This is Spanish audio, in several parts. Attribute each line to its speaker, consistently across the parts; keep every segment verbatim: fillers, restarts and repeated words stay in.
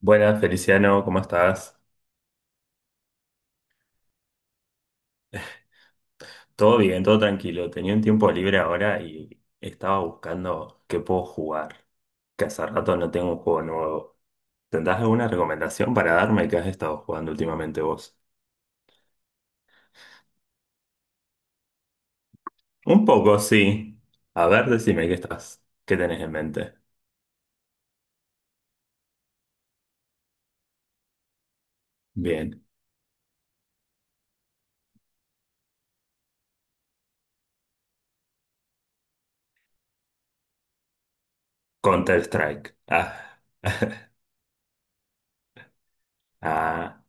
Speaker 1: Buenas, Feliciano, ¿cómo estás? Todo bien, todo tranquilo. Tenía un tiempo libre ahora y estaba buscando qué puedo jugar, que hace rato no tengo un juego nuevo. ¿Tendrás alguna recomendación para darme que has estado jugando últimamente vos? Un poco, sí. A ver, decime qué estás, qué tenés en mente. Bien, Counter-Strike. Ah. Ah,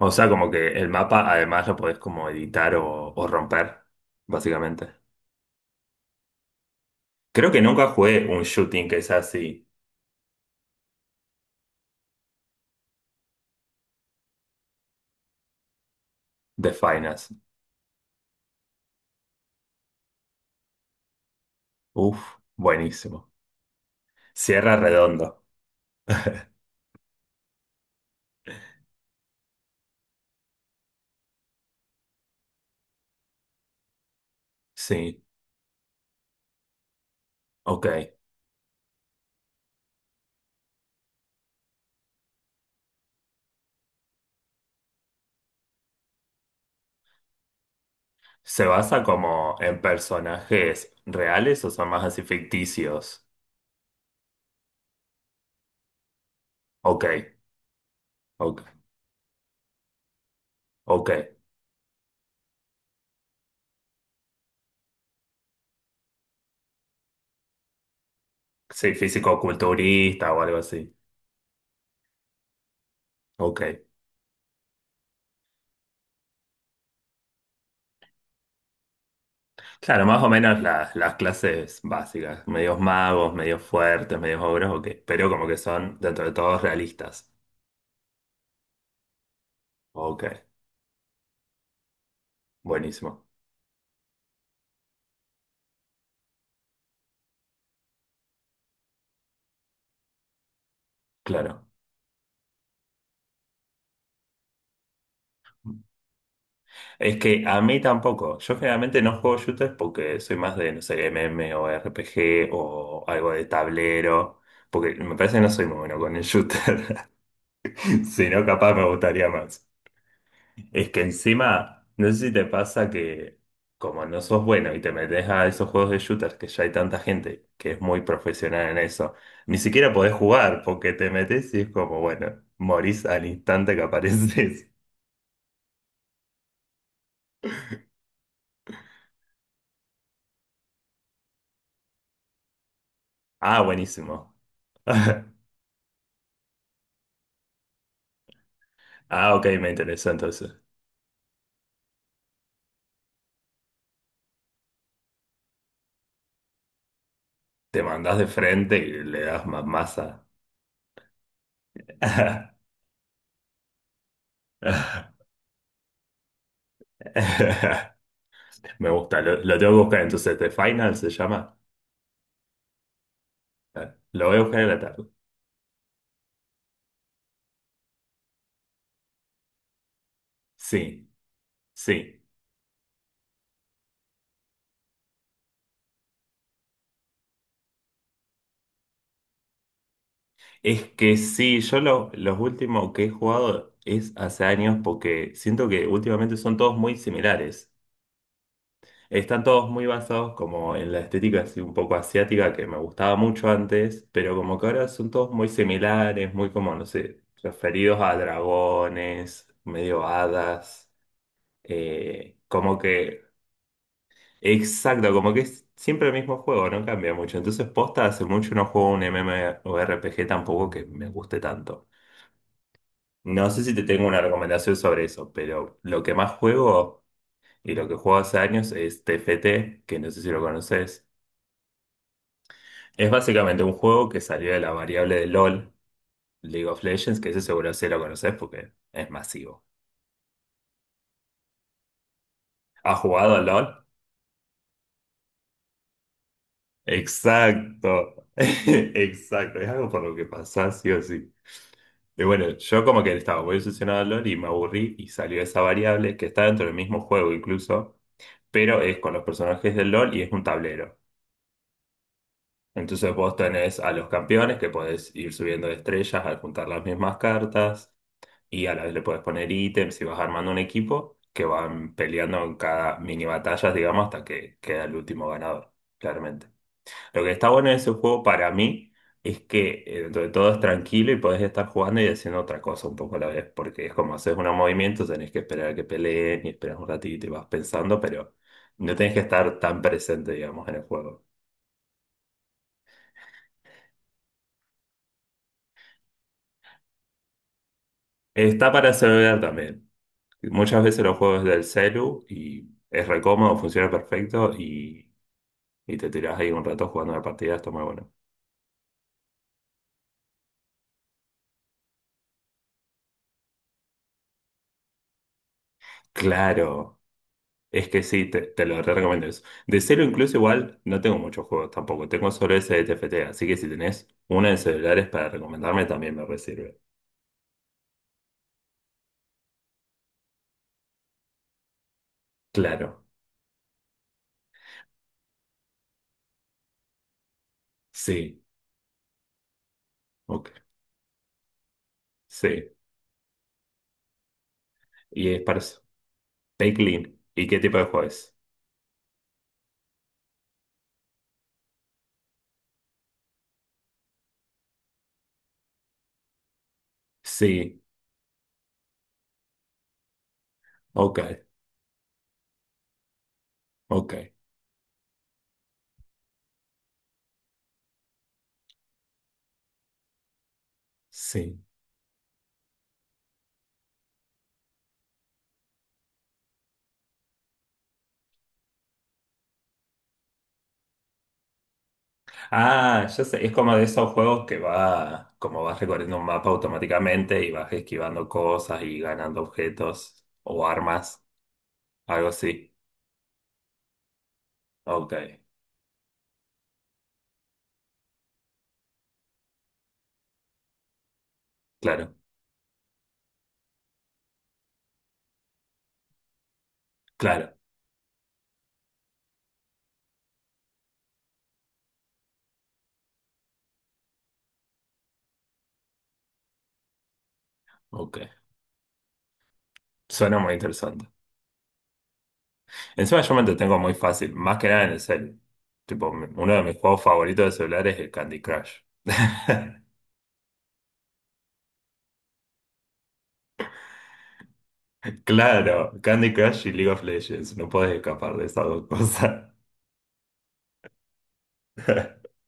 Speaker 1: o sea, como que el mapa además lo podés como editar o, o romper, básicamente. Creo que nunca jugué un shooting que sea así. The Finance. Uf, buenísimo. Cierra redondo. Sí, ok. ¿Se basa como en personajes reales o son más así ficticios? Ok, ok, ok. Sí, físico-culturista o algo así. Ok. Claro, más o menos las, las clases básicas. Medios magos, medios fuertes, medios ogros, ok. Pero como que son dentro de todos realistas. Ok, buenísimo. Claro. Es que a mí tampoco. Yo generalmente no juego shooters porque soy más de, no sé, M M o R P G o algo de tablero. Porque me parece que no soy muy bueno con el shooter. Si no, capaz me gustaría más. Es que encima, no sé si te pasa que como no sos bueno y te metes a esos juegos de shooters que ya hay tanta gente que es muy profesional en eso, ni siquiera podés jugar porque te metes y es como, bueno, morís al instante que apareces. Ah, buenísimo. Ah, ok, me interesó entonces. Te mandas de frente y le das más masa. Me gusta, lo, lo tengo que buscar entonces. The Final se llama. Lo voy a buscar en la tarde. Sí, sí. Es que sí, yo lo, los últimos que he jugado es hace años porque siento que últimamente son todos muy similares. Están todos muy basados como en la estética así un poco asiática que me gustaba mucho antes, pero como que ahora son todos muy similares, muy como, no sé, referidos a dragones, medio hadas, eh, como que, exacto, como que es siempre el mismo juego, no cambia mucho. Entonces, posta, hace mucho no juego un MMORPG tampoco que me guste tanto. No sé si te tengo una recomendación sobre eso, pero lo que más juego y lo que juego hace años es t F T, que no sé si lo conoces. Es básicamente un juego que salió de la variable de LOL, League of Legends, que ese seguro sí lo conoces porque es masivo. ¿Has jugado a LOL? Exacto, exacto, es algo por lo que pasás, sí o sí. Y bueno, yo como que estaba muy obsesionado a LOL y me aburrí y salió esa variable que está dentro del mismo juego incluso, pero es con los personajes del LOL y es un tablero. Entonces vos tenés a los campeones que podés ir subiendo de estrellas al juntar las mismas cartas y a la vez le puedes poner ítems y vas armando un equipo que van peleando en cada mini batallas, digamos, hasta que queda el último ganador, claramente. Lo que está bueno de ese juego para mí es que eh, dentro de todo es tranquilo y podés estar jugando y haciendo otra cosa un poco a la vez, porque es como haces unos movimientos, tenés que esperar a que peleen y esperas un ratito y vas pensando, pero no tenés que estar tan presente, digamos, en el juego. Está para celular también. Muchas veces los juegos del celu y es re cómodo, funciona perfecto y y te tirás ahí un rato jugando la partida, está muy bueno. Claro, es que sí, te, te lo re recomiendo eso. De cero incluso igual no tengo muchos juegos tampoco, tengo solo ese de T F T, así que si tenés una de celulares para recomendarme también me re sirve. Claro, sí, ok, sí. Y es para eso. Take Lean. ¿Y qué tipo de juego es? Sí, ok, ok, sí. Ah, ya sé, es como de esos juegos que va, como vas recorriendo un mapa automáticamente y vas esquivando cosas y ganando objetos o armas, algo así. Ok, claro, claro, ok. Suena muy interesante. Encima yo me entretengo muy fácil, más que nada en el cel. Tipo, mi- uno de mis juegos favoritos de celular es el Candy Crush. Claro, Candy Crush y League of Legends, no puedes escapar de esas dos cosas.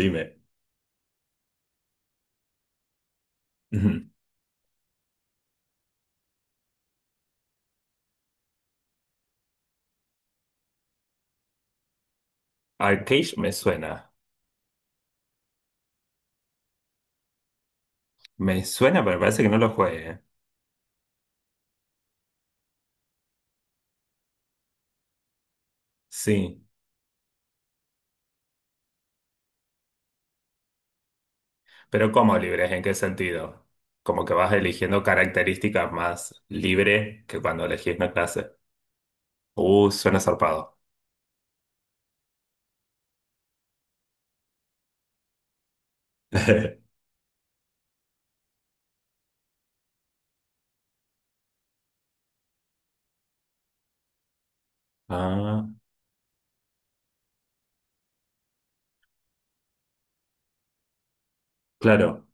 Speaker 1: Dime, ujú. Arcade me suena. Me suena, pero me parece que no lo juegue, ¿eh? Sí. Pero ¿cómo libres? ¿En qué sentido? Como que vas eligiendo características más libre que cuando elegís una clase. Uh, suena zarpado. Ah, claro.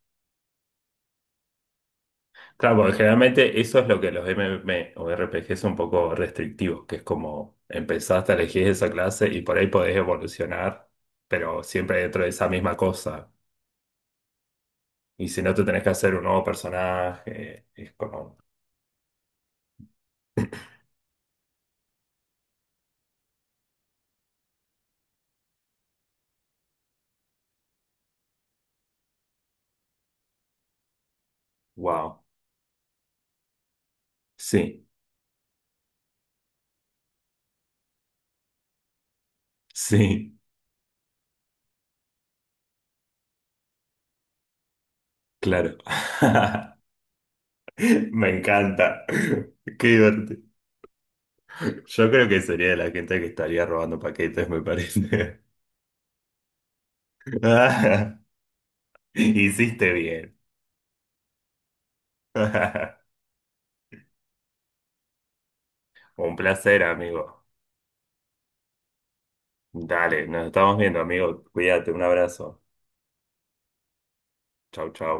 Speaker 1: Claro, porque generalmente eso es lo que los m m M o r p R P G son un poco restrictivos, que es como empezaste a elegir esa clase y por ahí podés evolucionar, pero siempre dentro de esa misma cosa. Y si no, te tenés que hacer un nuevo personaje. Es como, wow. Sí, sí. Claro. Me encanta. Qué divertido. Yo creo que sería de la gente que estaría robando paquetes, me parece. Hiciste bien. Un placer, amigo. Dale, nos estamos viendo, amigo. Cuídate, un abrazo. Chau, chau.